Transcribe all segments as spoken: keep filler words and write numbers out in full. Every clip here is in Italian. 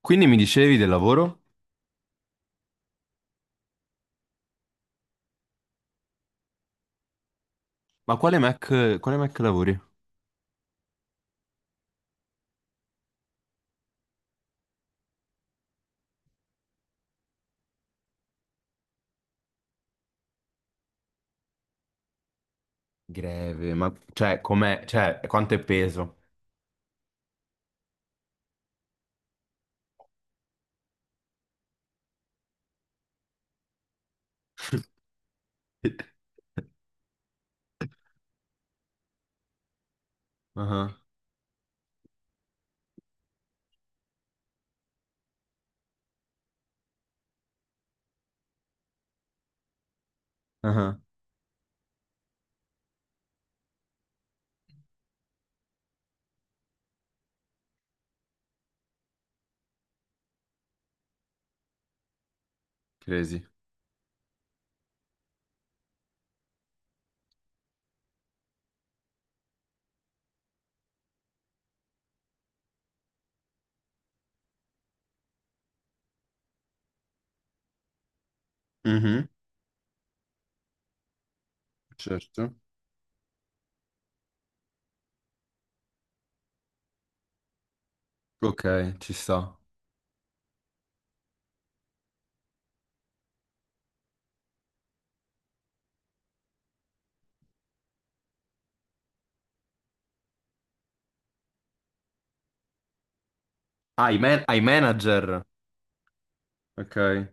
Quindi mi dicevi del lavoro? Ma quale Mac, quale Mac lavori? Greve, ma cioè, com'è? Cioè, quanto è peso? Ah, ah, crazy. Mhm, certo. Ok, ci sta. Ah, i man- ai manager. Ok.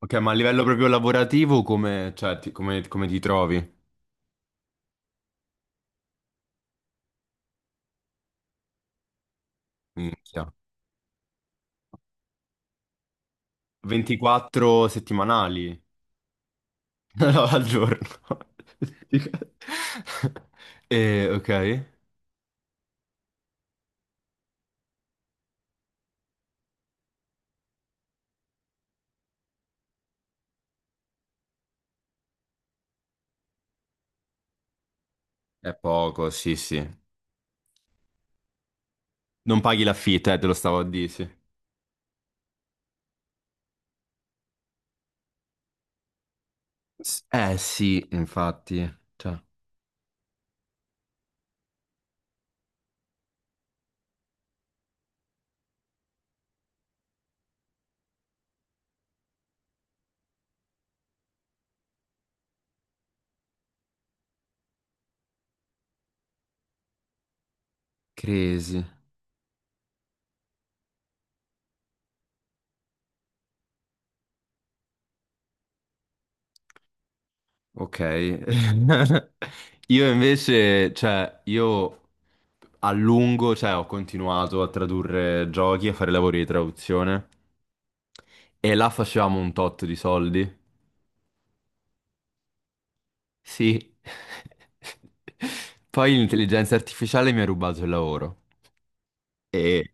Ok, ma a livello proprio lavorativo come, cioè, ti, come, come ti trovi? Minchia. ventiquattro settimanali. No, al giorno. Eh, ok. È poco, sì, sì. Non paghi l'affitto, eh, te lo stavo a dire, sì. S- Eh sì, infatti, cioè, crazy. Ok. Io invece, cioè, io a lungo, cioè, ho continuato a tradurre giochi, a fare lavori di traduzione e là facevamo un tot di soldi. Sì. Poi l'intelligenza artificiale mi ha rubato il lavoro. E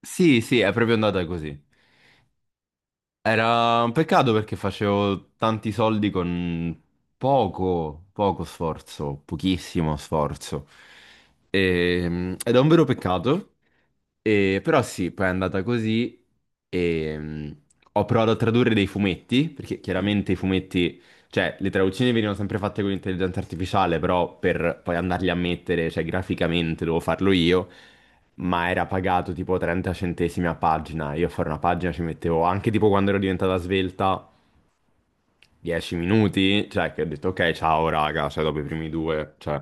sì, sì, è proprio andata così. Era un peccato perché facevo tanti soldi con poco, poco sforzo, pochissimo sforzo. E, ed è un vero peccato. E- però sì, poi è andata così e mh, ho provato a tradurre dei fumetti, perché chiaramente i fumetti, cioè le traduzioni venivano sempre fatte con l'intelligenza artificiale, però per poi andarli a mettere, cioè graficamente dovevo farlo io, ma era pagato tipo trenta centesimi a pagina, io a fare una pagina ci mettevo anche tipo quando ero diventata svelta dieci minuti, cioè che ho detto ok ciao raga, cioè dopo i primi due, cioè...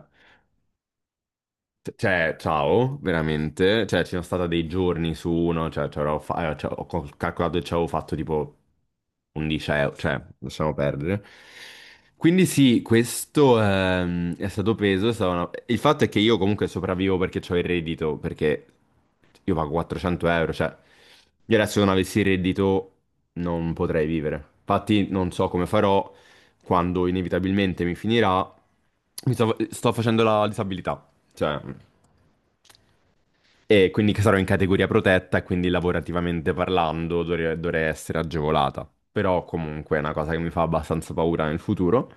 C- Cioè, ciao, veramente. Cioè, ci sono stati dei giorni su uno, cioè, ci avrò fa- eh, cioè, ho col- calcolato e ci avevo fatto tipo undici euro, cioè, lasciamo perdere. Quindi sì, questo ehm, è stato peso. è stata una- Il fatto è che io comunque sopravvivo perché ho il reddito, perché io pago quattrocento euro, cioè, io adesso non avessi il reddito non potrei vivere. Infatti non so come farò quando inevitabilmente mi finirà. Mi sto, sto facendo la disabilità, cioè... E quindi che sarò in categoria protetta, e quindi lavorativamente parlando dovrei, dovrei essere agevolata. Però comunque è una cosa che mi fa abbastanza paura nel futuro.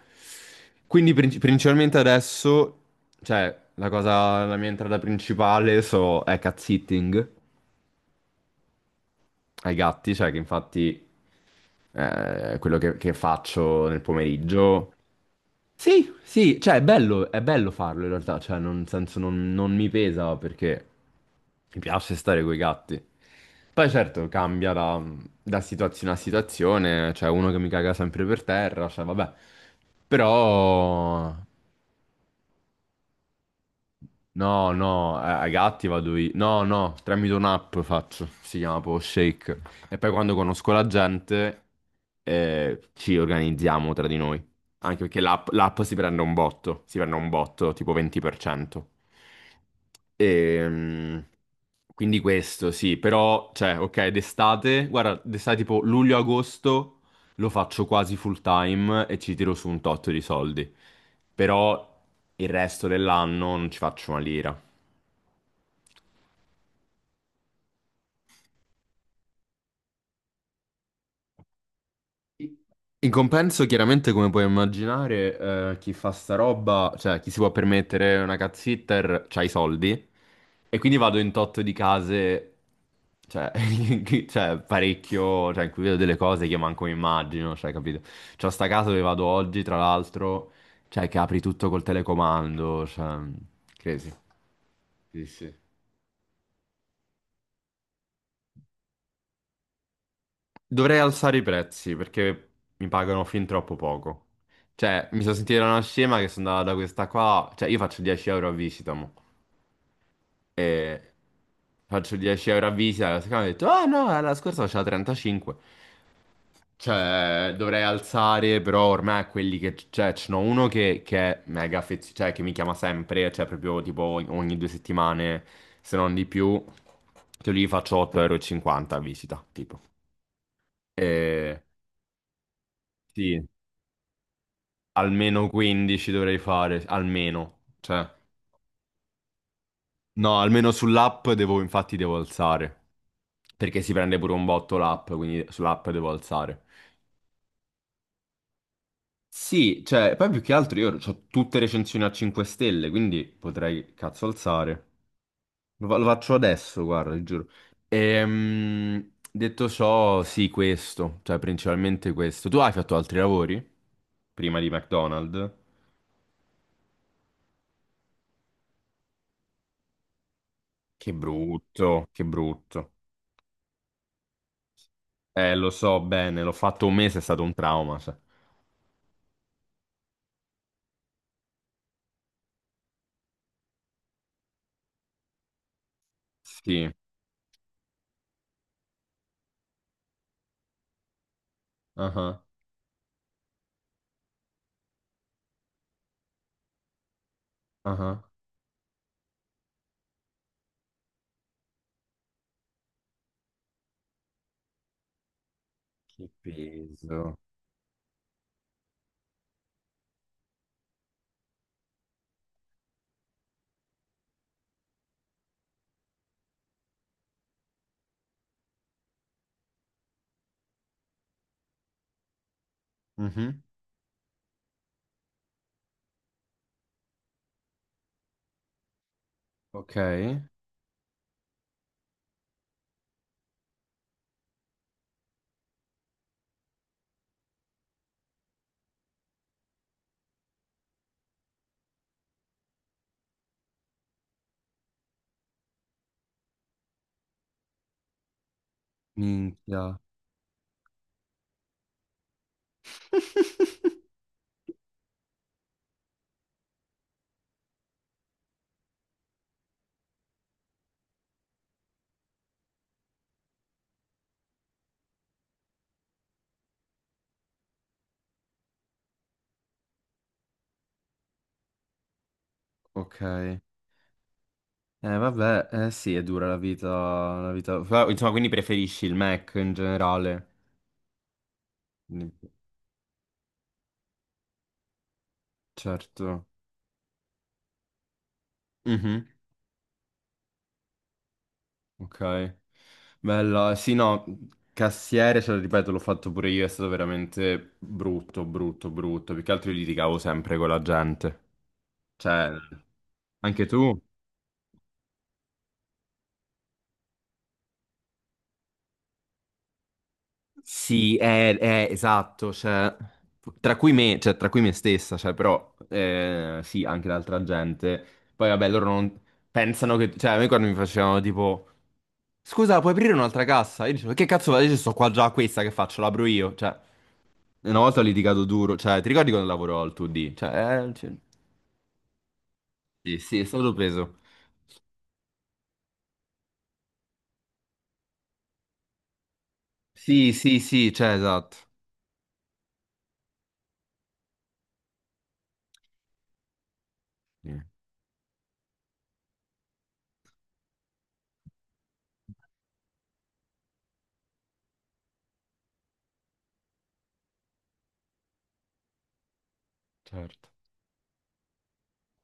Quindi princi- principalmente adesso, cioè, la cosa, la mia entrata principale so, è cat sitting ai gatti, cioè che infatti eh, quello che, che faccio nel pomeriggio. Sì, sì, cioè è bello, è bello farlo in realtà, cioè non, nel senso non, non mi pesa perché mi piace stare coi gatti. Poi certo cambia da, da situazione a situazione, c'è uno che mi caga sempre per terra, cioè vabbè, però, No, no, a a gatti vado io. No, no, tramite un'app faccio, si chiama proprio Shake. E poi quando conosco la gente eh, ci organizziamo tra di noi. Anche perché l'app l'app si prende un botto, si prende un botto tipo venti per cento. Ehm, quindi questo sì, però, cioè, ok, d'estate, guarda, d'estate tipo luglio-agosto lo faccio quasi full time e ci tiro su un tot di soldi però il resto dell'anno non ci faccio una lira. In compenso, chiaramente, come puoi immaginare, eh, chi fa sta roba, cioè chi si può permettere una cat sitter, c'ha i soldi. E quindi vado in totto di case, cioè, cioè, parecchio, cioè, in cui vedo delle cose che io manco mi immagino, cioè, capito? C'ho sta casa dove vado oggi, tra l'altro, cioè, che apri tutto col telecomando, cioè, crazy. Sì, sì. Dovrei alzare i prezzi perché mi pagano fin troppo poco. Cioè, mi sono sentito una scema che sono andata da questa qua. Cioè, io faccio dieci euro a visita, mo. E faccio dieci euro a visita. La seconda mi ha detto, ah no, la scorsa faceva trentacinque. Cioè, dovrei alzare, però ormai quelli che... Cioè, ce n'ho uno che, che è mega affezionato, cioè, che mi chiama sempre, cioè, proprio tipo ogni due settimane, se non di più. Che lì faccio 8,50 euro e cinquanta a visita, tipo. E... Sì, almeno quindici dovrei fare, almeno. Cioè, no, almeno sull'app devo, infatti devo alzare. Perché si prende pure un botto l'app, quindi sull'app devo alzare. Sì, cioè, poi più che altro io ho tutte recensioni a cinque stelle, quindi potrei cazzo alzare. Lo, fa- lo faccio adesso, guarda, ti giuro. Ehm, detto ciò, sì, questo, cioè principalmente questo. Tu hai fatto altri lavori? Prima di McDonald's? Che brutto, che brutto. Eh, lo so bene, l'ho fatto un mese, è stato un trauma. sa- Sì. Ah ah. Che peso. Mhm. Ok. Minchia. Ok. Eh, vabbè, eh sì, è dura la vita, la vita- Però, insomma, quindi preferisci il Mac in generale? Quindi, certo. Mhm. Ok. Bella. Sì, no, cassiere, ce lo ripeto, l'ho fatto pure io, è stato veramente brutto, brutto, brutto. Più che altro io litigavo sempre con la gente. Cioè... Anche tu? Sì, è, è- esatto, cioè, tra cui me, cioè, tra cui me stessa, cioè, però eh, sì, anche l'altra gente. Poi vabbè, loro non pensano che, cioè, a me quando mi facevano tipo, scusa, puoi aprire un'altra cassa? Io dicevo, che cazzo vado? Io sto qua già a questa, che faccio? L'apro io, cioè, una volta ho litigato duro, cioè, ti ricordi quando lavoravo al due D? Cioè, eh, cioè, sì, sì, è stato preso. Sì, sì, sì, cioè, esatto. Sì, certo.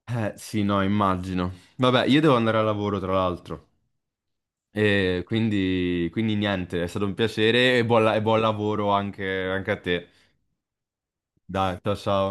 Eh, sì, no, immagino. Vabbè, io devo andare al lavoro, tra l'altro. E quindi, quindi niente, è stato un piacere e buon, la- e buon lavoro anche anche a te. Dai, ciao ciao.